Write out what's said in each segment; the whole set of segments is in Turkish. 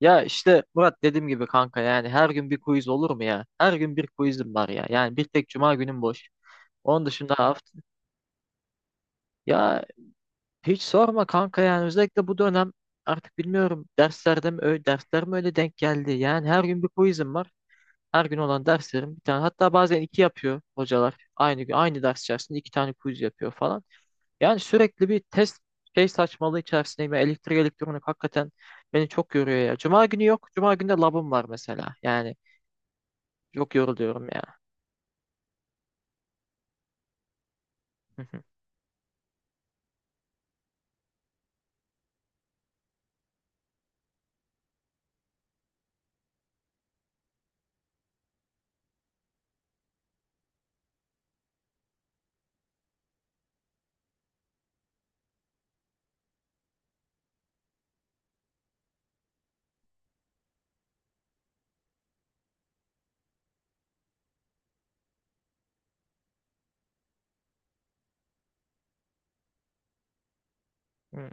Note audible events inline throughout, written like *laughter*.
Ya işte Murat, dediğim gibi kanka, yani her gün bir quiz olur mu ya? Her gün bir quizim var ya. Yani bir tek cuma günüm boş. Onun dışında hafta, ya hiç sorma kanka, yani özellikle bu dönem artık bilmiyorum, derslerde mi öyle, dersler mi öyle denk geldi. Yani her gün bir quizim var. Her gün olan derslerim bir tane, hatta bazen iki yapıyor hocalar. Aynı gün aynı ders içerisinde iki tane quiz yapıyor falan. Yani sürekli bir test şey saçmalığı içerisindeyim. Elektrik elektronik hakikaten beni çok yoruyor ya. Cuma günü yok. Cuma günü de labım var mesela. Yani çok yoruluyorum ya. Hı. Hı, hı.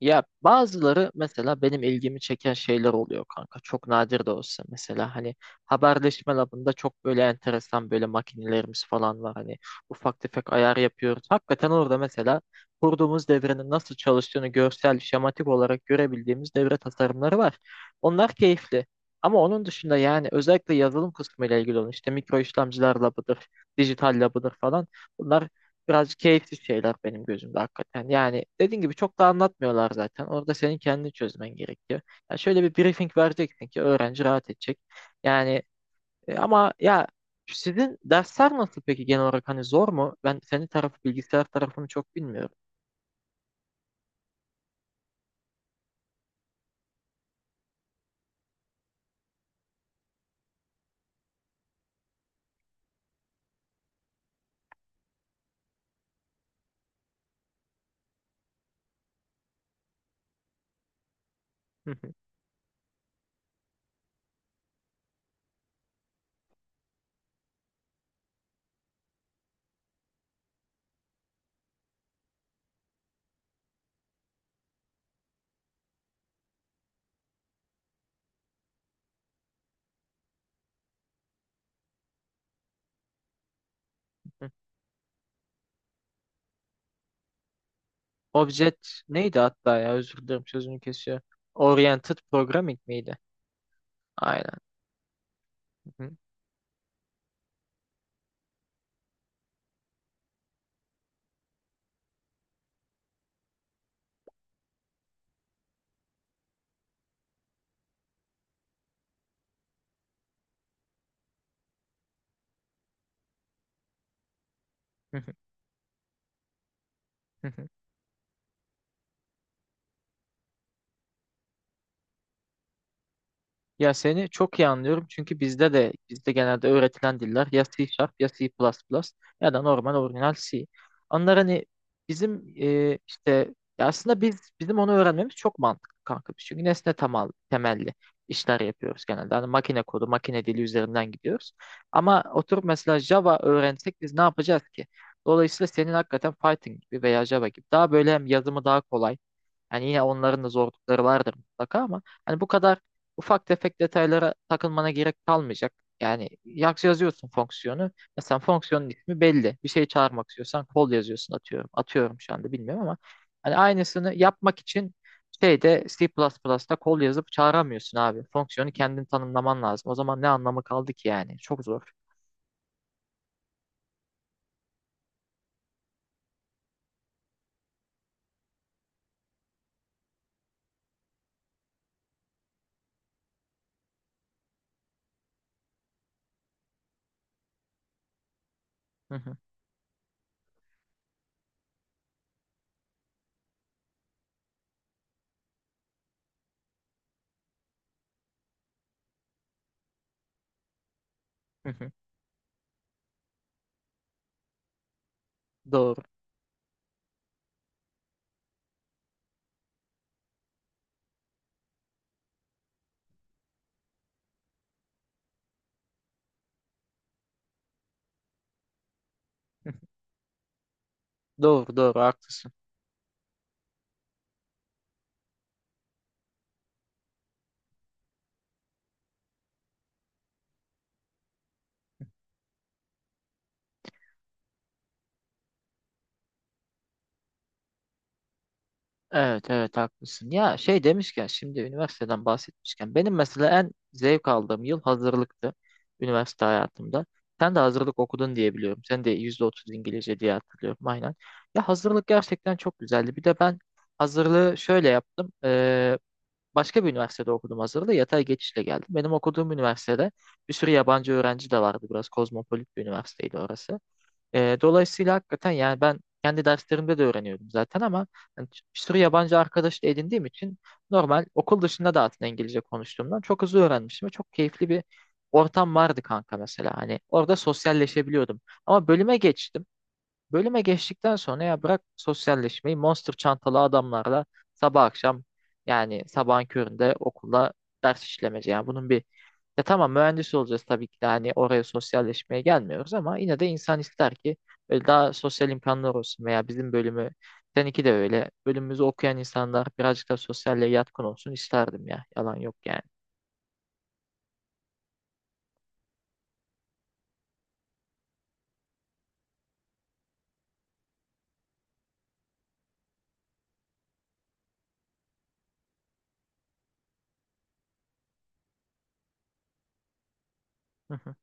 Ya bazıları mesela benim ilgimi çeken şeyler oluyor kanka. Çok nadir de olsa mesela hani haberleşme labında çok böyle enteresan böyle makinelerimiz falan var. Hani ufak tefek ayar yapıyoruz. Hakikaten orada mesela kurduğumuz devrenin nasıl çalıştığını görsel, şematik olarak görebildiğimiz devre tasarımları var. Onlar keyifli. Ama onun dışında yani özellikle yazılım kısmı ile ilgili olan işte mikro işlemciler labıdır, dijital labıdır falan. Bunlar birazcık keyifsiz şeyler benim gözümde hakikaten. Yani dediğin gibi çok da anlatmıyorlar zaten. Orada senin kendini çözmen gerekiyor. Ya şöyle bir briefing vereceksin ki öğrenci rahat edecek. Yani ama ya sizin dersler nasıl peki, genel olarak hani zor mu? Ben senin tarafı, bilgisayar tarafını çok bilmiyorum. *laughs* Object neydi hatta, ya özür dilerim sözünü kesiyor. Oriented Programming miydi? Aynen. *laughs* Ya seni çok iyi anlıyorum, çünkü bizde genelde öğretilen diller ya C Sharp, ya C++, ya da normal orijinal C. Onlar hani bizim işte, ya aslında biz bizim onu öğrenmemiz çok mantıklı kanka. Biz, çünkü nesne temelli işler yapıyoruz genelde. Hani makine kodu, makine dili üzerinden gidiyoruz. Ama oturup mesela Java öğrensek biz ne yapacağız ki? Dolayısıyla senin hakikaten Python gibi veya Java gibi daha böyle, hem yazımı daha kolay. Yani yine onların da zorlukları vardır mutlaka ama hani bu kadar ufak tefek detaylara takılmana gerek kalmayacak. Yani yazıyorsun fonksiyonu. Mesela fonksiyonun ismi belli. Bir şey çağırmak istiyorsan kol yazıyorsun, atıyorum. Atıyorum, şu anda bilmiyorum ama hani aynısını yapmak için şeyde, C++'da kol yazıp çağıramıyorsun abi. Fonksiyonu kendin tanımlaman lazım. O zaman ne anlamı kaldı ki yani? Çok zor. Hı hı, hı hı. Doğru. Doğru doğru haklısın. Evet evet haklısın. Ya şey demişken, şimdi üniversiteden bahsetmişken benim mesela en zevk aldığım yıl hazırlıktı, üniversite hayatımda. Sen de hazırlık okudun diye biliyorum. Sen de %30 İngilizce diye hatırlıyorum, aynen. Ya hazırlık gerçekten çok güzeldi. Bir de ben hazırlığı şöyle yaptım. Başka bir üniversitede okudum hazırlığı. Yatay geçişle geldim. Benim okuduğum üniversitede bir sürü yabancı öğrenci de vardı. Biraz kozmopolit bir üniversiteydi orası. Dolayısıyla hakikaten, yani ben kendi derslerimde de öğreniyordum zaten ama yani bir sürü yabancı arkadaş da edindiğim için normal okul dışında da aslında İngilizce konuştuğumdan çok hızlı öğrenmiştim ve çok keyifli bir ortam vardı kanka mesela. Hani orada sosyalleşebiliyordum. Ama bölüme geçtim. Bölüme geçtikten sonra ya, bırak sosyalleşmeyi, monster çantalı adamlarla sabah akşam, yani sabahın köründe okula ders işlemece. Yani bunun bir, ya tamam mühendis olacağız tabii ki de, hani oraya sosyalleşmeye gelmiyoruz ama yine de insan ister ki böyle daha sosyal imkanlar olsun, veya bizim bölümü, seninki de öyle, bölümümüzü okuyan insanlar birazcık daha sosyalle yatkın olsun isterdim ya, yalan yok yani. *laughs*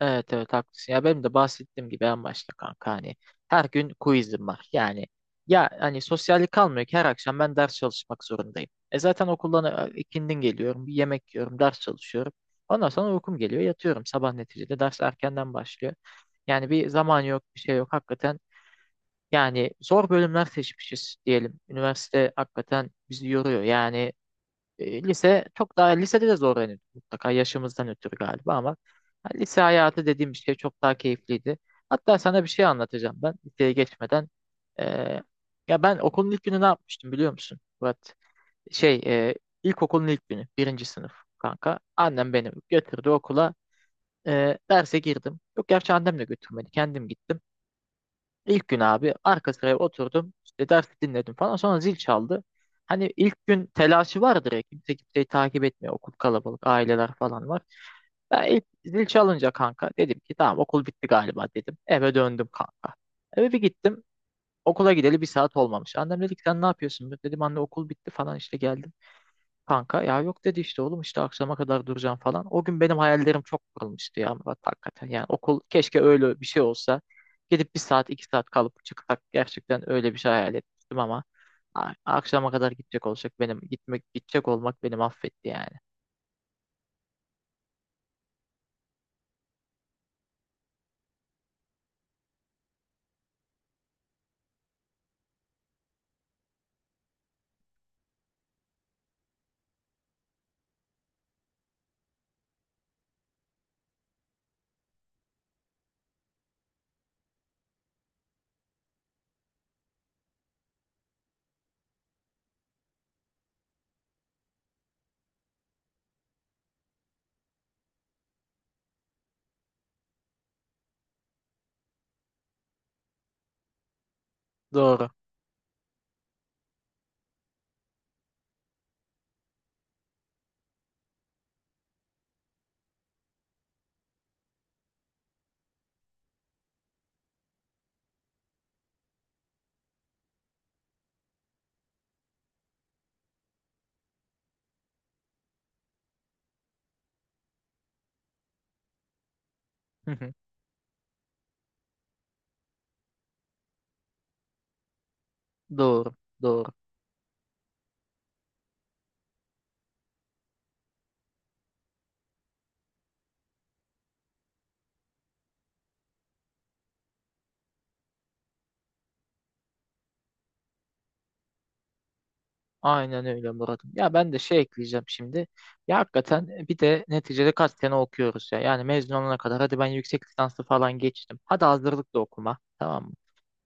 Evet evet haklısın. Ya benim de bahsettiğim gibi en başta kanka, hani her gün quizim var. Yani ya hani sosyallik kalmıyor ki, her akşam ben ders çalışmak zorundayım. E zaten okuldan ikindin geliyorum, bir yemek yiyorum, ders çalışıyorum. Ondan sonra uykum geliyor, yatıyorum. Sabah neticede ders erkenden başlıyor. Yani bir zaman yok, bir şey yok. Hakikaten, yani zor bölümler seçmişiz diyelim. Üniversite hakikaten bizi yoruyor. Yani lise çok daha, lisede de zorlanıyorduk mutlaka yaşımızdan ötürü galiba ama ha, lise hayatı dediğim şey çok daha keyifliydi. Hatta sana bir şey anlatacağım, ben liseye geçmeden. E, Ya ben okulun ilk günü ne yapmıştım biliyor musun Murat? Şey ilkokulun ilk günü, birinci sınıf kanka. Annem beni götürdü okula. Derse girdim. Yok, gerçi annem de götürmedi, kendim gittim. İlk gün abi arka sıraya oturdum. İşte dersi dinledim falan. Sonra zil çaldı. Hani ilk gün telaşı vardır ya, kimse kimseyi takip etmiyor. Okul kalabalık, aileler falan var. Ben ilk zil çalınca kanka dedim ki tamam okul bitti galiba dedim. Eve döndüm kanka. Eve bir gittim. Okula gideli 1 saat olmamış. Annem dedi ki sen ne yapıyorsun? Dedim anne okul bitti falan işte, geldim. Kanka ya yok dedi, işte oğlum işte akşama kadar duracağım falan. O gün benim hayallerim çok kurulmuştu ya Murat, hakikaten. Yani okul keşke öyle bir şey olsa. Gidip 1 saat 2 saat kalıp çıksak, gerçekten öyle bir şey hayal etmiştim ama akşama kadar gidecek olacak, benim gitmek, gidecek olmak beni mahvetti yani. Doğru. Hı hı. Doğru. Doğru. Aynen öyle Murat'ım. Ya ben de şey ekleyeceğim şimdi. Ya hakikaten bir de neticede kaç sene okuyoruz ya. Yani mezun olana kadar, hadi ben yüksek lisanslı falan geçtim. Hadi hazırlık da okuma. Tamam mı?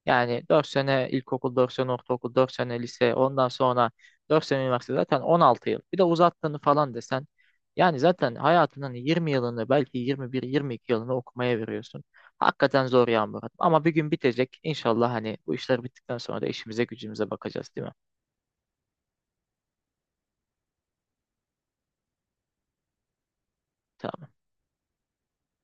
Yani 4 sene ilkokul, 4 sene ortaokul, 4 sene lise, ondan sonra 4 sene üniversite, zaten 16 yıl. Bir de uzattığını falan desen, yani zaten hayatının 20 yılını, belki 21 22 yılını okumaya veriyorsun. Hakikaten zor ya Murat. Ama bir gün bitecek. İnşallah hani bu işler bittikten sonra da işimize gücümüze bakacağız, değil mi? Tamam.